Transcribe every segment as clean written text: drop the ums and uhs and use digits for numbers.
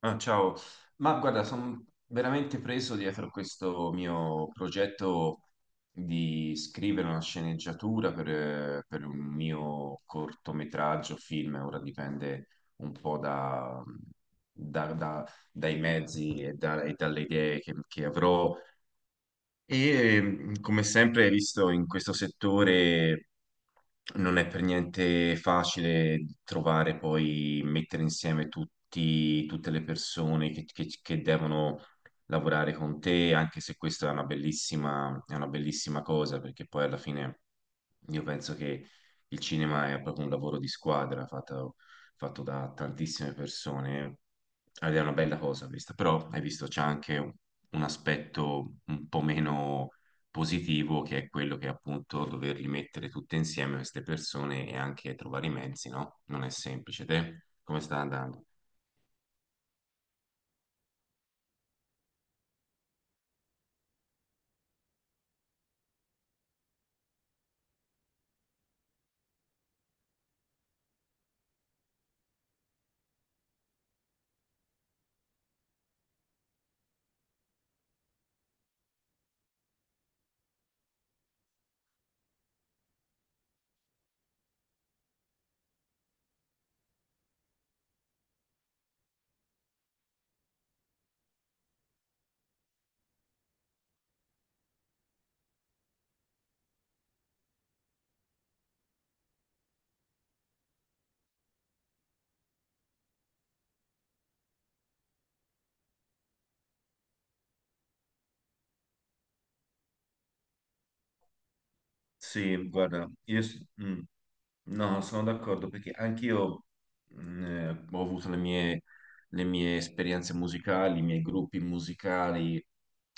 Ah, ciao, ma guarda, sono veramente preso dietro questo mio progetto di scrivere una sceneggiatura per un mio cortometraggio, film, ora dipende un po' da- da- dai mezzi e, e dalle idee che avrò, e come sempre, hai visto in questo settore non è per niente facile trovare poi mettere insieme tutte le persone che devono lavorare con te, anche se questa è una è una bellissima cosa, perché poi alla fine io penso che il cinema è proprio un lavoro di squadra fatto da tantissime persone ed è una bella cosa questa, però hai visto c'è anche un aspetto un po' meno positivo, che è quello che appunto doverli mettere tutte insieme queste persone e anche trovare i mezzi, no? Non è semplice. Te come sta andando? Sì, guarda, io, s- mm. No, sono d'accordo perché anch'io ho avuto le mie esperienze musicali, i miei gruppi musicali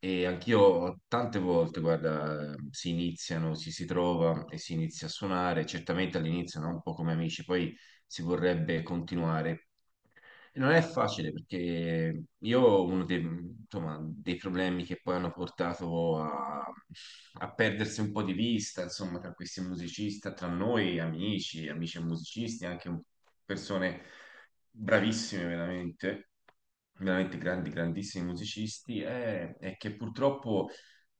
e anch'io tante volte, guarda, si iniziano, ci si trova e si inizia a suonare, certamente all'inizio, no? Un po' come amici, poi si vorrebbe continuare. E non è facile perché io uno dei, insomma, dei problemi che poi hanno portato a perdersi un po' di vista, insomma, tra questi musicisti, tra noi amici, amici e musicisti, persone bravissime veramente, veramente grandi, grandissimi musicisti, è che purtroppo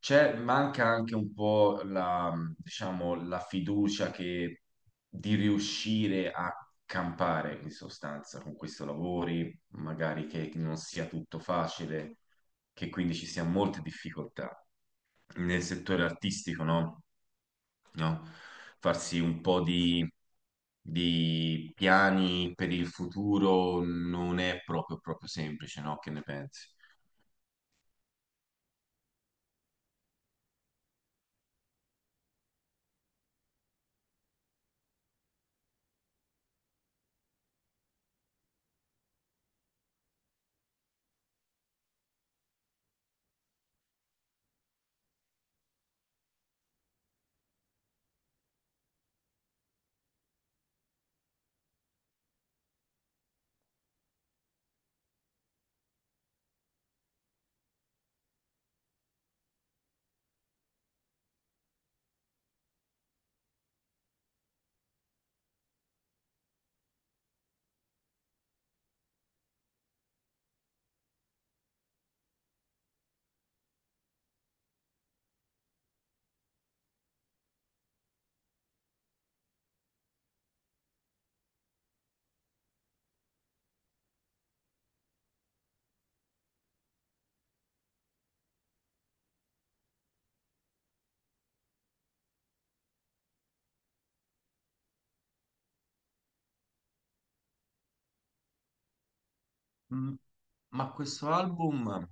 manca anche un po' la, diciamo, la fiducia di riuscire a campare in sostanza con questo lavori, magari che non sia tutto facile, che quindi ci siano molte difficoltà. Nel settore artistico, no? No? Farsi un po' di piani per il futuro non è proprio semplice, no? Che ne pensi? Mm, Ma questo album,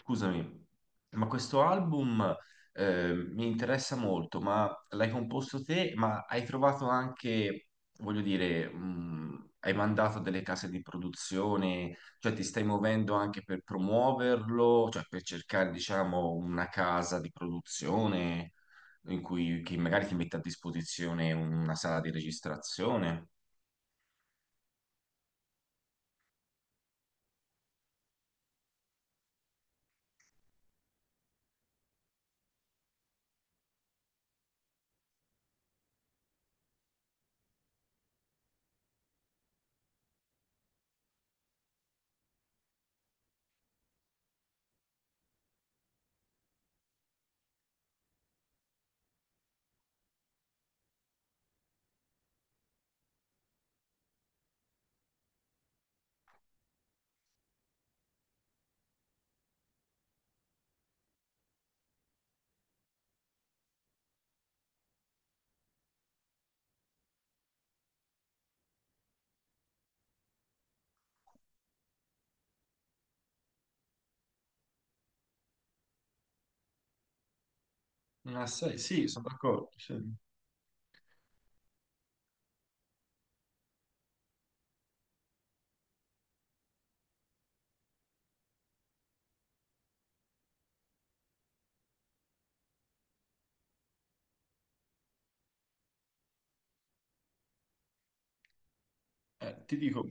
scusami, ma questo album mi interessa molto, ma l'hai composto te, ma hai trovato anche, voglio dire, hai mandato a delle case di produzione, cioè ti stai muovendo anche per promuoverlo, cioè per cercare, diciamo, una casa di produzione in cui che magari ti mette a disposizione una sala di registrazione. Ah, sai, sì, sono d'accordo. Sì. Ti dico.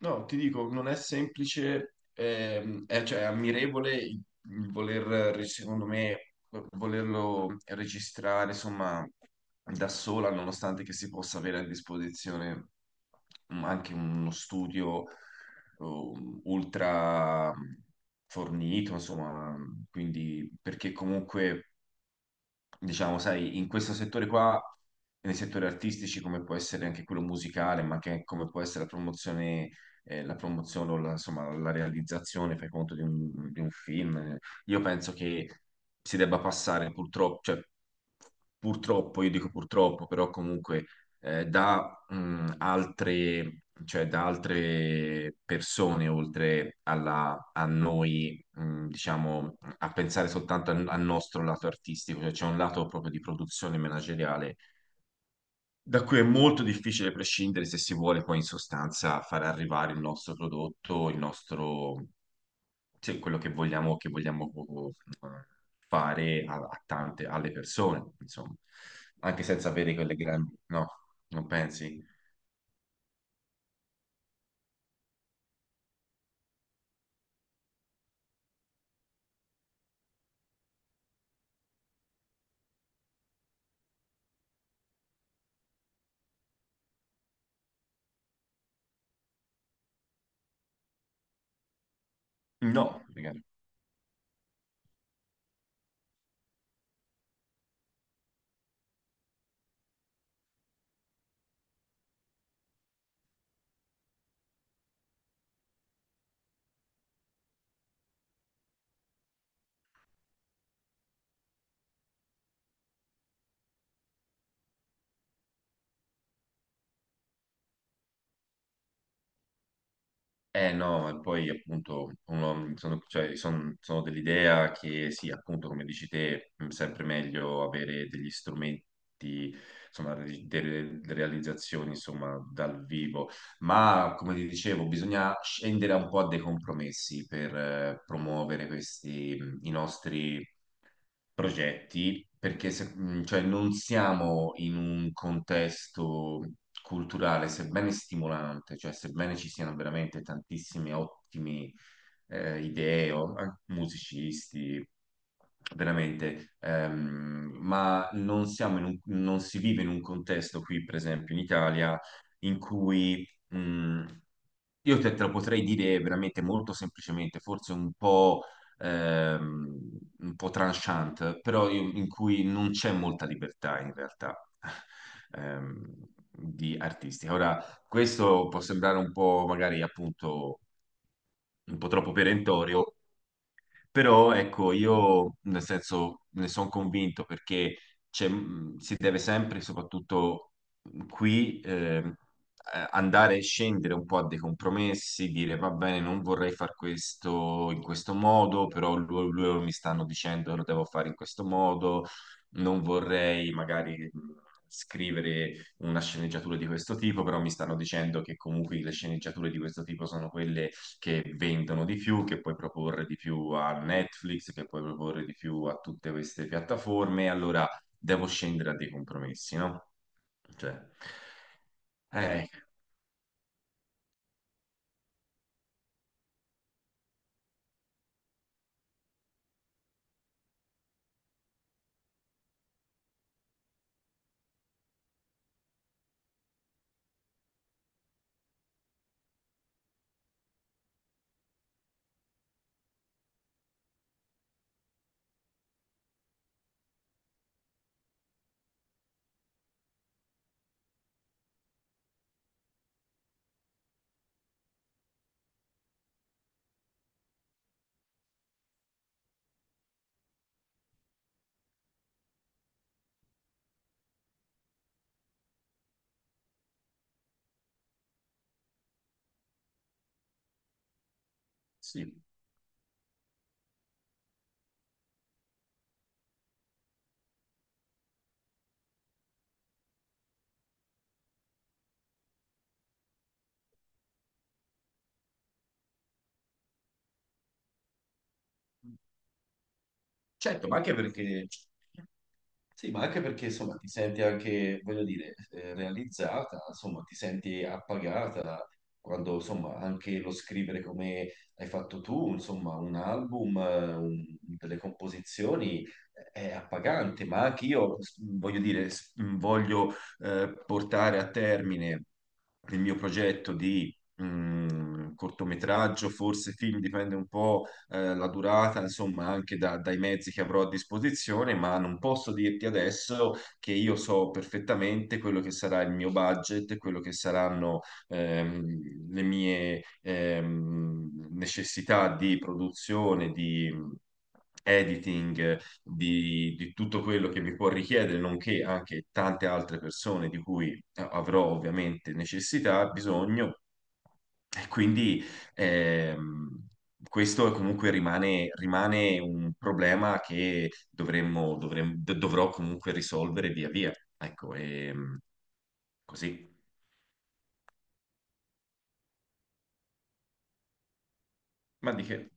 No, ti dico, non è semplice, è, cioè, è ammirevole il voler, secondo me, volerlo registrare, insomma, da sola, nonostante che si possa avere a disposizione anche uno studio ultra fornito, insomma, quindi perché comunque diciamo, sai, in questo settore qua, nei settori artistici come può essere anche quello musicale, ma anche come può essere la promozione o la, insomma, la realizzazione, fai conto, di un film, io penso che si debba passare purtroppo, cioè, purtroppo, io dico purtroppo, però comunque da altre... Cioè, da altre persone oltre a noi diciamo, a pensare soltanto al nostro lato artistico, cioè c'è un lato proprio di produzione manageriale da cui è molto difficile prescindere se si vuole poi in sostanza far arrivare il nostro prodotto, il nostro, cioè, quello che vogliamo, eh, fare a tante, alle persone, insomma, anche senza avere quelle grandi, no, non pensi? No, eh no, e poi appunto sono, cioè, sono dell'idea che sì, appunto come dici te, è sempre meglio avere degli strumenti, insomma, delle realizzazioni, insomma, dal vivo, ma come vi dicevo, bisogna scendere un po' a dei compromessi per promuovere questi, i nostri progetti, perché cioè, non siamo in un contesto culturale, sebbene stimolante, cioè sebbene ci siano veramente tantissime ottime idee, musicisti, veramente, ma non siamo non si vive in un contesto qui, per esempio, in Italia in cui Mm, io te, te lo potrei dire veramente molto semplicemente, forse ehm, un po' tranchant, però in cui non c'è molta libertà in realtà di artistica. Ora, questo può sembrare un po' magari appunto un po' troppo perentorio, però ecco, io nel senso ne sono convinto perché si deve sempre, soprattutto qui, andare e scendere un po' a dei compromessi, dire va bene, non vorrei far questo in questo modo, però loro mi stanno dicendo che lo devo fare in questo modo, non vorrei magari scrivere una sceneggiatura di questo tipo, però mi stanno dicendo che comunque le sceneggiature di questo tipo sono quelle che vendono di più, che puoi proporre di più a Netflix, che puoi proporre di più a tutte queste piattaforme, allora devo scendere a dei compromessi, no? Cioè, eh, sì, certo, ma anche perché sì, ma anche perché insomma ti senti anche, voglio dire, realizzata, insomma ti senti appagata quando insomma anche lo scrivere come hai fatto tu, insomma un album, delle composizioni è appagante, ma anche voglio dire, voglio portare a termine il mio progetto di cortometraggio, forse film, dipende un po' la durata, insomma, anche dai mezzi che avrò a disposizione, ma non posso dirti adesso che io so perfettamente quello che sarà il mio budget, quello che saranno le mie necessità di produzione, di editing di tutto quello che mi può richiedere, nonché anche tante altre persone di cui avrò ovviamente necessità, bisogno, e quindi ehm, questo è comunque rimane un problema che dovrò comunque risolvere via via. Ecco, così. Ma di che?